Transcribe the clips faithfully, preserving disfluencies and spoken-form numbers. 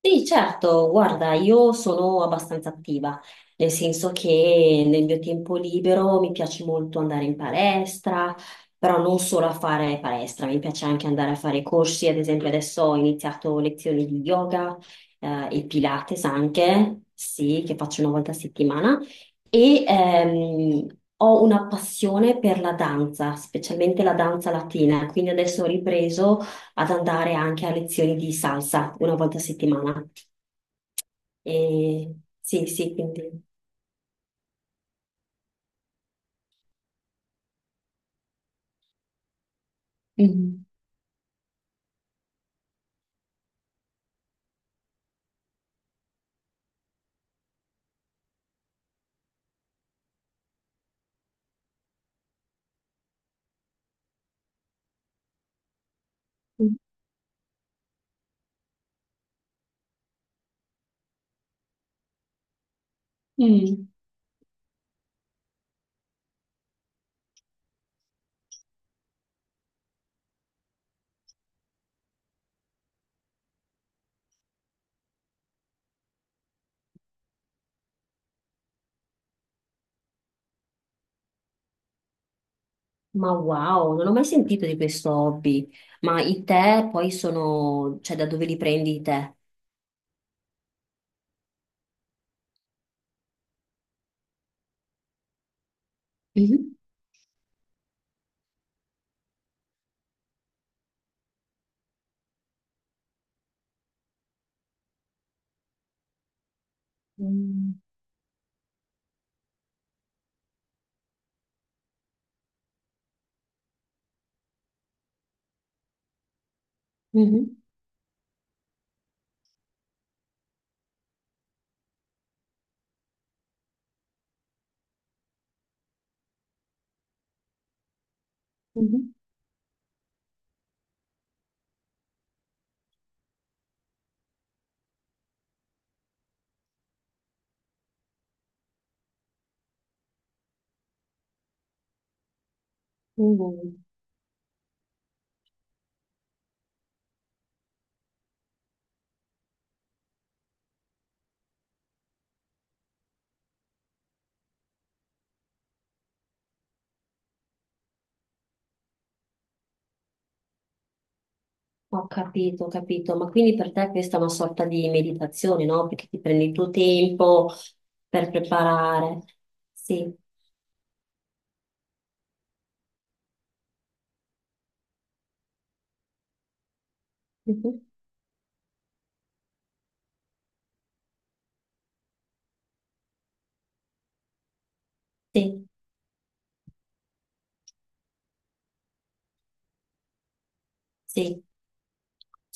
Sì, certo, guarda, io sono abbastanza attiva, nel senso che nel mio tempo libero mi piace molto andare in palestra, però non solo a fare palestra, mi piace anche andare a fare corsi, ad esempio adesso ho iniziato lezioni di yoga, eh, e Pilates anche, sì, che faccio una volta a settimana, e ehm, ho una passione per la danza, specialmente la danza latina, quindi adesso ho ripreso ad andare anche a lezioni di salsa una volta a settimana. E sì, sì, quindi. Mhm. Mm. Ma wow, non ho mai sentito di questo hobby. Ma i tè poi sono, cioè da dove li prendi i tè? Mhm. Mm. Mhm, mhm, mhm. Ho capito, ho capito. Ma quindi per te questa è una sorta di meditazione, no? Perché ti prendi il tuo tempo per preparare. Sì, mhm, sì, sì.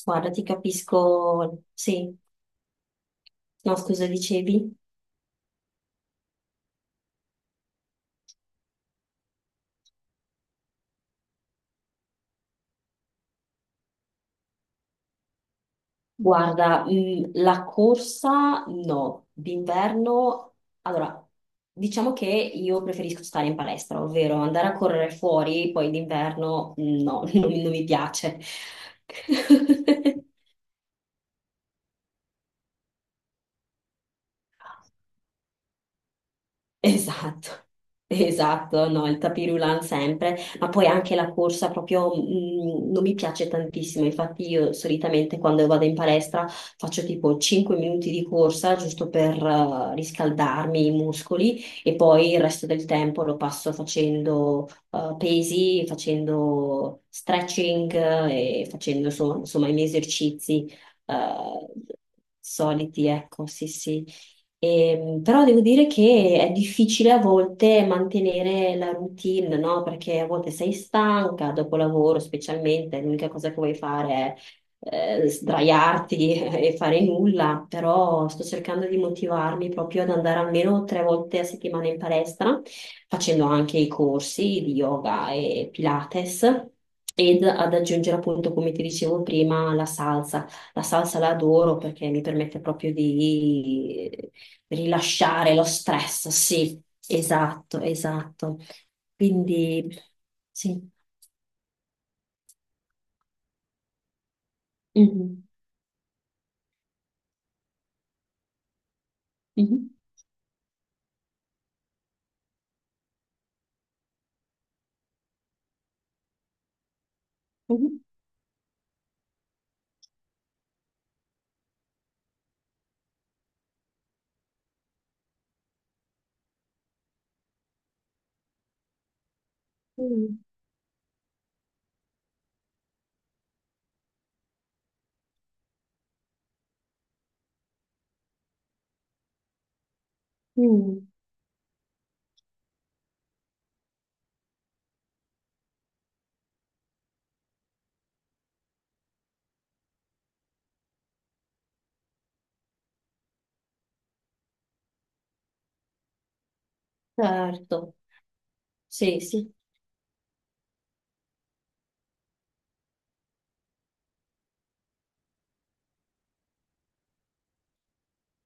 Guarda, ti capisco, sì, no, scusa, dicevi? Guarda, mh, la corsa no, d'inverno, allora, diciamo che io preferisco stare in palestra, ovvero andare a correre fuori, poi d'inverno no, non, non mi piace. Esatto, esatto, no, il tapirulan sempre, ma poi anche la corsa proprio mm, non mi piace tantissimo, infatti io solitamente quando vado in palestra faccio tipo cinque minuti di corsa giusto per eh, riscaldarmi i muscoli e poi il resto del tempo lo passo facendo eh, pesi, facendo stretching eh, e facendo so- insomma i miei esercizi eh, soliti, ecco, sì sì. E, però devo dire che è difficile a volte mantenere la routine, no? Perché a volte sei stanca dopo lavoro, specialmente, l'unica cosa che vuoi fare è eh, sdraiarti e fare nulla, però sto cercando di motivarmi proprio ad andare almeno tre volte a settimana in palestra, facendo anche i corsi di yoga e Pilates. Ed ad aggiungere appunto, come ti dicevo prima, la salsa. La salsa la adoro perché mi permette proprio di rilasciare lo stress, sì, esatto, esatto. Quindi, sì. Mhm, mhm, mhm, mhm, mhm. Certo, sì, sì,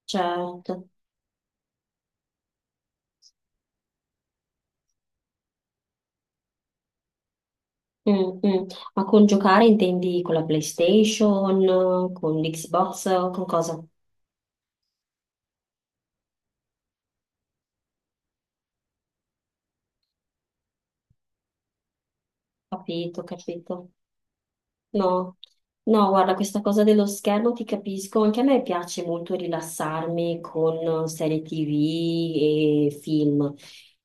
certo. Mm, mm. Ma con giocare intendi con la PlayStation, con l'Xbox, con cosa? Capito, capito. No, no, guarda, questa cosa dello schermo ti capisco, anche a me piace molto rilassarmi con serie T V e film,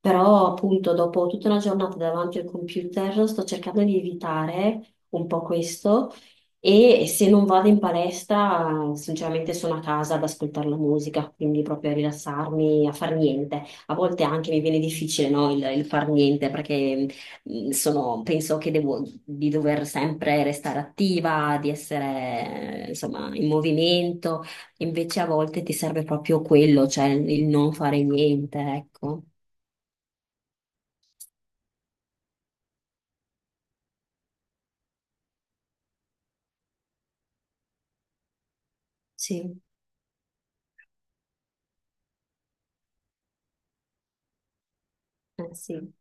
però appunto dopo tutta una giornata davanti al computer sto cercando di evitare un po' questo e se non vado in palestra sinceramente sono a casa ad ascoltare la musica, quindi proprio a rilassarmi, a far niente. A volte anche mi viene difficile, no, il, il far niente perché Mhmm, sono- penso che devo, di dover sempre restare attiva, di essere, eh, insomma, in movimento, invece a volte ti serve proprio quello, cioè il non fare niente, ecco. Sì, eh sì.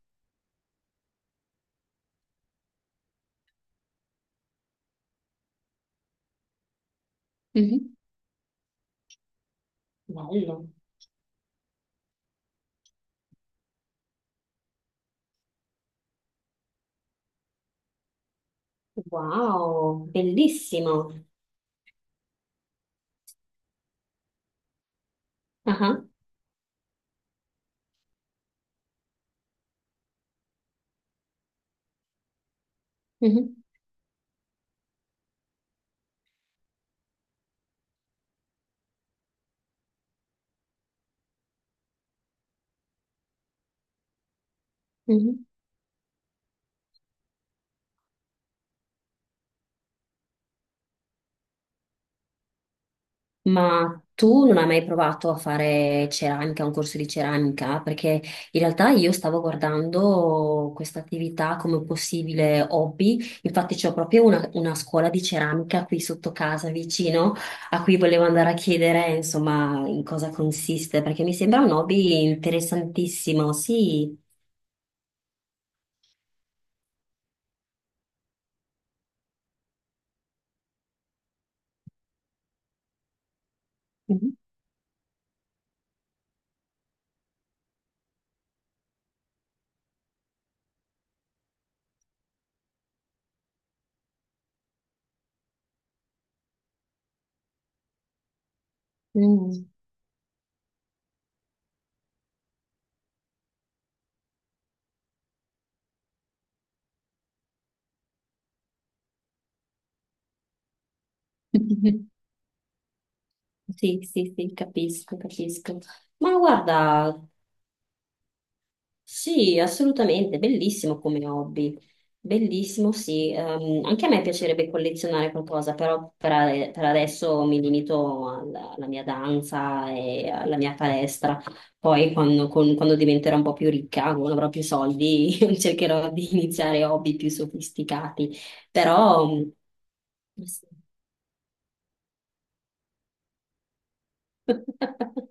Mhm. Bello, wow, bellissimo. Ah, ah. Mhm, mhm. Ma tu non hai mai provato a fare ceramica, un corso di ceramica? Perché in realtà io stavo guardando questa attività come possibile hobby, infatti c'ho proprio una, una scuola di ceramica qui sotto casa vicino, a cui volevo andare a chiedere insomma in cosa consiste, perché mi sembra un hobby interessantissimo, sì. Mhm. Mm. Sì, sì, sì, capisco, capisco. Ma guarda. Sì, assolutamente, bellissimo come hobby, bellissimo, sì. Ehm, anche a me piacerebbe collezionare qualcosa, però per, a- per adesso mi limito alla, alla mia danza e alla mia palestra. Poi quando, con- quando diventerò un po' più ricca, quando avrò più soldi, cercherò di iniziare hobby più sofisticati. Però, mm, sì.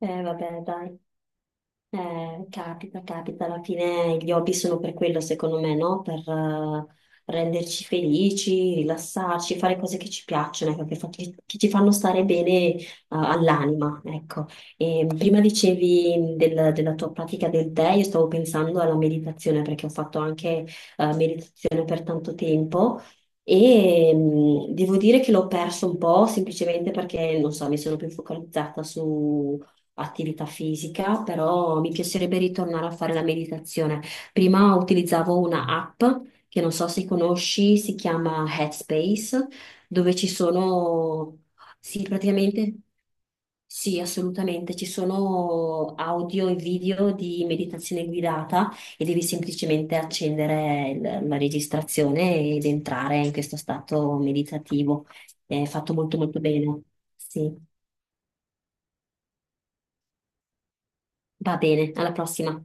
Eh, vabbè, dai. Eh, capita, capita, alla fine gli hobby sono per quello, secondo me, no? Per eh, renderci felici, rilassarci, fare cose che ci piacciono, ecco, che, fa- che- che ci fanno stare bene eh, all'anima, ecco. E prima dicevi del- della tua pratica del tè, io stavo pensando alla meditazione perché ho fatto anche eh, meditazione per tanto tempo. E mm, devo dire che l'ho perso un po' semplicemente perché, non so, mi sono più focalizzata attività fisica, però mi piacerebbe ritornare a fare la meditazione. Prima utilizzavo una app che non so se conosci, si chiama Headspace, dove ci sono, sì, praticamente, sì, assolutamente, ci sono audio e video di meditazione guidata e devi semplicemente accendere il- la registrazione ed entrare in questo stato meditativo. È fatto molto molto bene. Sì, va bene, alla prossima.